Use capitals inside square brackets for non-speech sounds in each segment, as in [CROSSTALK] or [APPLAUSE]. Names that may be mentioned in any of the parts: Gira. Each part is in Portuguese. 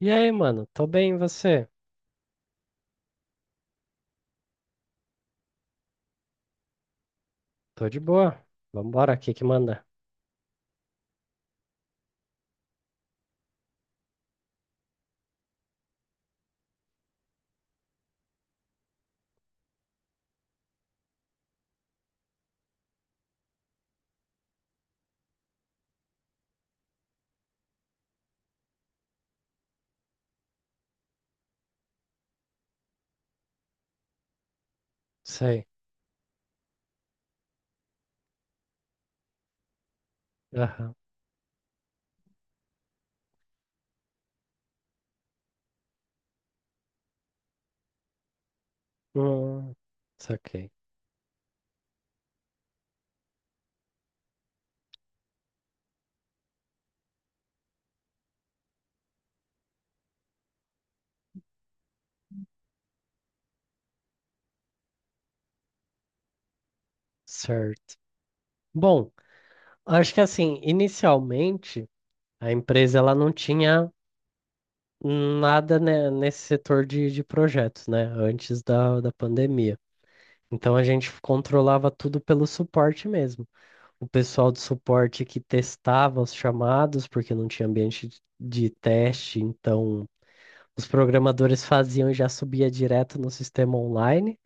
E aí, mano? Tô bem, e você? Tô de boa. Vambora, o que que manda? Sei. Aham. Hum, saquei. Certo. Bom, acho que assim, inicialmente, a empresa ela não tinha nada, né, nesse setor de projetos, né? Antes da pandemia. Então a gente controlava tudo pelo suporte mesmo. O pessoal do suporte que testava os chamados, porque não tinha ambiente de teste, então os programadores faziam e já subia direto no sistema online.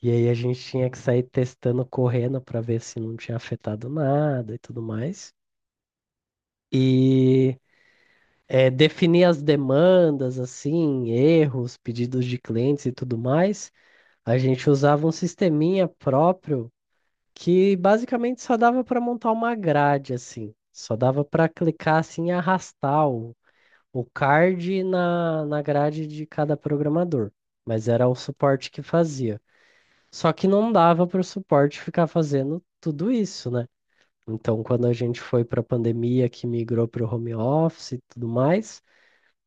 E aí a gente tinha que sair testando, correndo para ver se não tinha afetado nada e tudo mais. E definir as demandas, assim, erros, pedidos de clientes e tudo mais. A gente usava um sisteminha próprio que basicamente só dava para montar uma grade, assim. Só dava para clicar assim e arrastar o card na grade de cada programador, mas era o suporte que fazia. Só que não dava para o suporte ficar fazendo tudo isso, né? Então, quando a gente foi para a pandemia, que migrou para o home office e tudo mais,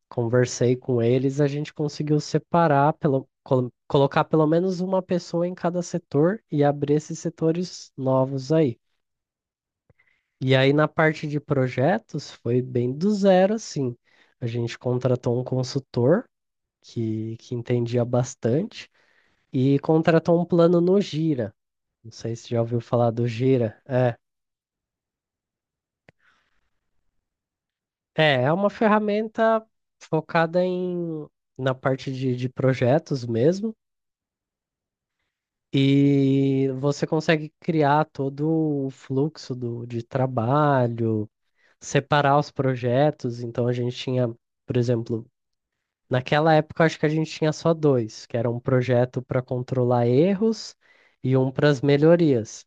conversei com eles, a gente conseguiu separar, pelo, colocar pelo menos uma pessoa em cada setor e abrir esses setores novos aí. E aí, na parte de projetos, foi bem do zero, assim. A gente contratou um consultor que entendia bastante, e contratou um plano no Gira. Não sei se já ouviu falar do Gira. É uma ferramenta focada na parte de projetos mesmo, e você consegue criar todo o fluxo do, de trabalho, separar os projetos. Então a gente tinha, por exemplo, naquela época acho que a gente tinha só dois, que era um projeto para controlar erros e um para as melhorias.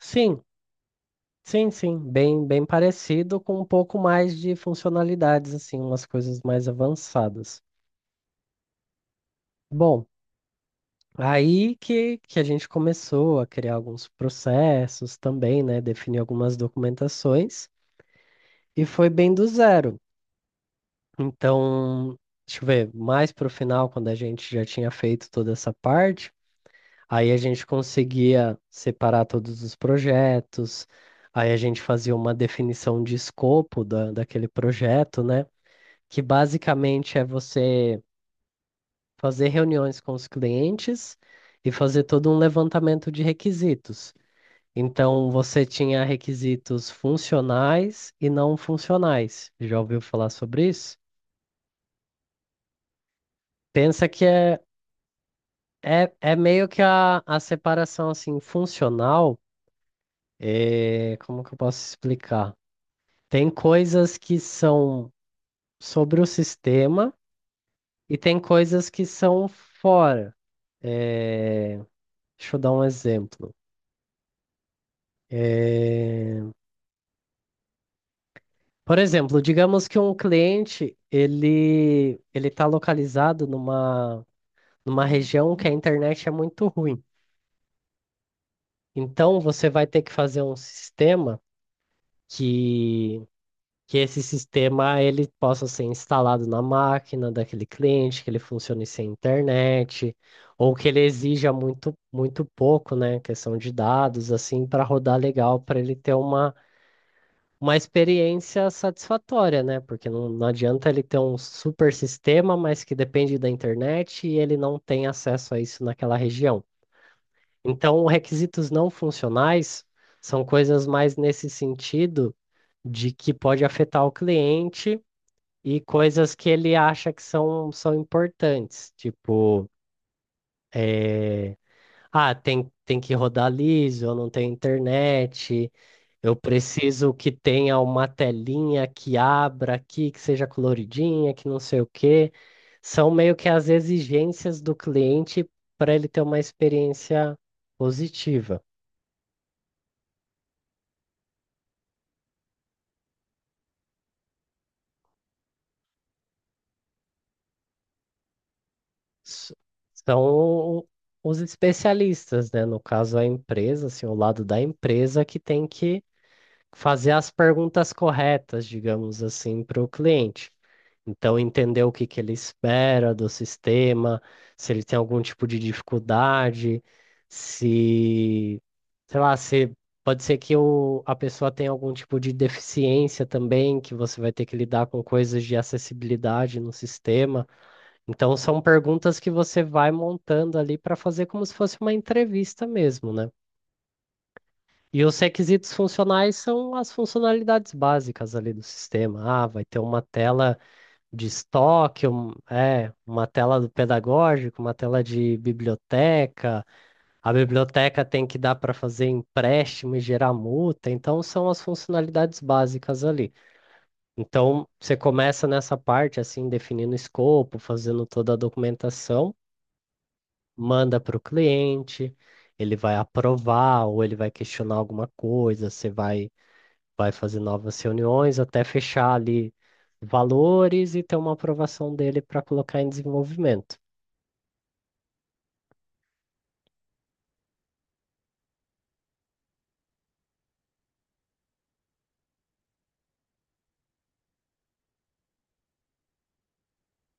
Sim, sim, sim, bem, bem parecido com um pouco mais de funcionalidades, assim, umas coisas mais avançadas. Bom, aí que a gente começou a criar alguns processos também, né? Definir algumas documentações e foi bem do zero. Então, deixa eu ver, mais para o final, quando a gente já tinha feito toda essa parte, aí a gente conseguia separar todos os projetos, aí a gente fazia uma definição de escopo daquele projeto, né? Que basicamente é você fazer reuniões com os clientes e fazer todo um levantamento de requisitos. Então, você tinha requisitos funcionais e não funcionais. Já ouviu falar sobre isso? Pensa que é, é meio que a separação assim, funcional. Como que eu posso explicar? Tem coisas que são sobre o sistema e tem coisas que são fora. É, deixa eu dar um exemplo. É, Por exemplo, digamos que um cliente ele está localizado numa numa região que a internet é muito ruim. Então você vai ter que fazer um sistema que que esse sistema ele possa ser instalado na máquina daquele cliente, que ele funcione sem internet, ou que ele exija muito muito pouco, né, questão de dados assim para rodar legal, para ele ter uma experiência satisfatória, né? Porque não, não adianta ele ter um super sistema, mas que depende da internet e ele não tem acesso a isso naquela região. Então, requisitos não funcionais são coisas mais nesse sentido de que pode afetar o cliente e coisas que ele acha que são, são importantes, tipo. eh, tem, tem que rodar liso, não tem internet, eu preciso que tenha uma telinha que abra aqui, que seja coloridinha, que não sei o quê. São meio que as exigências do cliente para ele ter uma experiência positiva. S- São o- os especialistas, né? No caso, a empresa, assim, o lado da empresa que tem que fazer as perguntas corretas, digamos assim, para o cliente. Então, entender o que que ele espera do sistema, se ele tem algum tipo de dificuldade, se, sei lá, se pode ser que a pessoa tenha algum tipo de deficiência também, que você vai ter que lidar com coisas de acessibilidade no sistema. Então, são perguntas que você vai montando ali para fazer como se fosse uma entrevista mesmo, né? E os requisitos funcionais são as funcionalidades básicas ali do sistema. Ah, vai ter uma tela de estoque, uma tela do pedagógico, uma tela de biblioteca. A biblioteca tem que dar para fazer empréstimo e gerar multa. Então, são as funcionalidades básicas ali. Então, você começa nessa parte, assim, definindo o escopo, fazendo toda a documentação, manda para o cliente, ele vai aprovar ou ele vai questionar alguma coisa, você vai fazer novas reuniões até fechar ali valores e ter uma aprovação dele para colocar em desenvolvimento.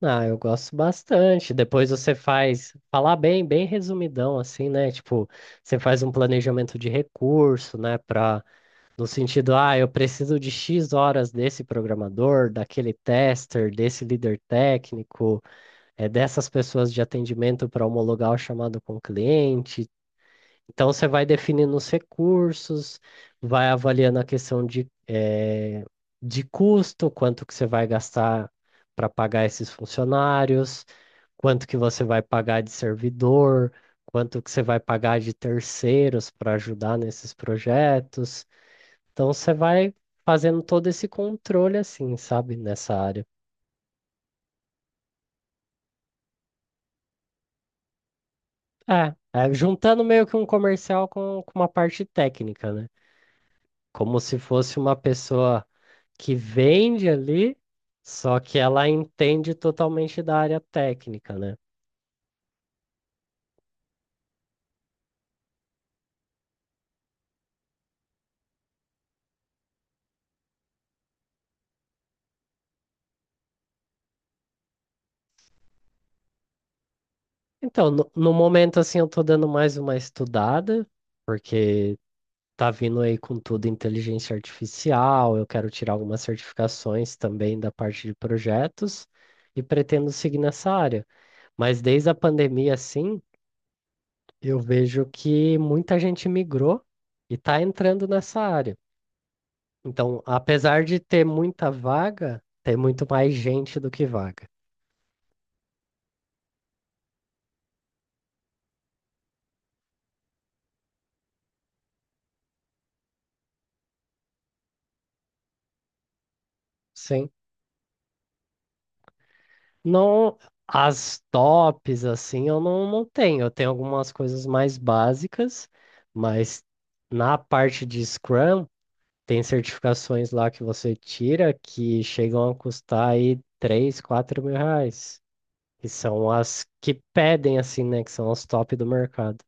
Ah, eu gosto bastante. Depois você faz, falar bem, bem resumidão assim, né? Tipo, você faz um planejamento de recurso, né? Para no sentido, ah, eu preciso de X horas desse programador, daquele tester, desse líder técnico, é dessas pessoas de atendimento para homologar o chamado com o cliente. Então, você vai definindo os recursos, vai avaliando a questão de custo, quanto que você vai gastar para pagar esses funcionários, quanto que você vai pagar de servidor, quanto que você vai pagar de terceiros para ajudar nesses projetos. Então, você vai fazendo todo esse controle, assim, sabe, nessa área. É, é juntando meio que um comercial com uma parte técnica, né? Como se fosse uma pessoa que vende ali, só que ela entende totalmente da área técnica, né? Então, no momento, assim, eu tô dando mais uma estudada, porque tá vindo aí com tudo inteligência artificial, eu quero tirar algumas certificações também da parte de projetos e pretendo seguir nessa área. Mas desde a pandemia, assim, eu vejo que muita gente migrou e tá entrando nessa área. Então, apesar de ter muita vaga, tem muito mais gente do que vaga. Sim. Não, as tops, assim, eu não, não tenho. Eu tenho algumas coisas mais básicas, mas na parte de Scrum, tem certificações lá que você tira que chegam a custar aí R$ 3, 4 mil. Que são as que pedem, assim, né? Que são as top do mercado.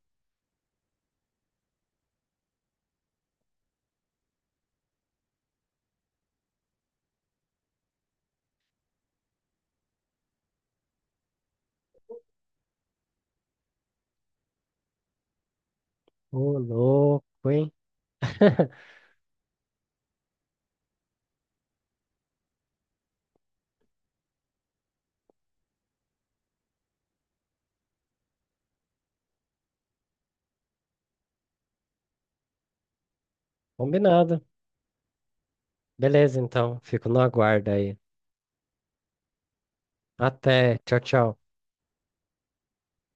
Ô, louco, hein? [LAUGHS] Combinado. Beleza, então. Fico no aguardo aí. Até. Tchau, tchau.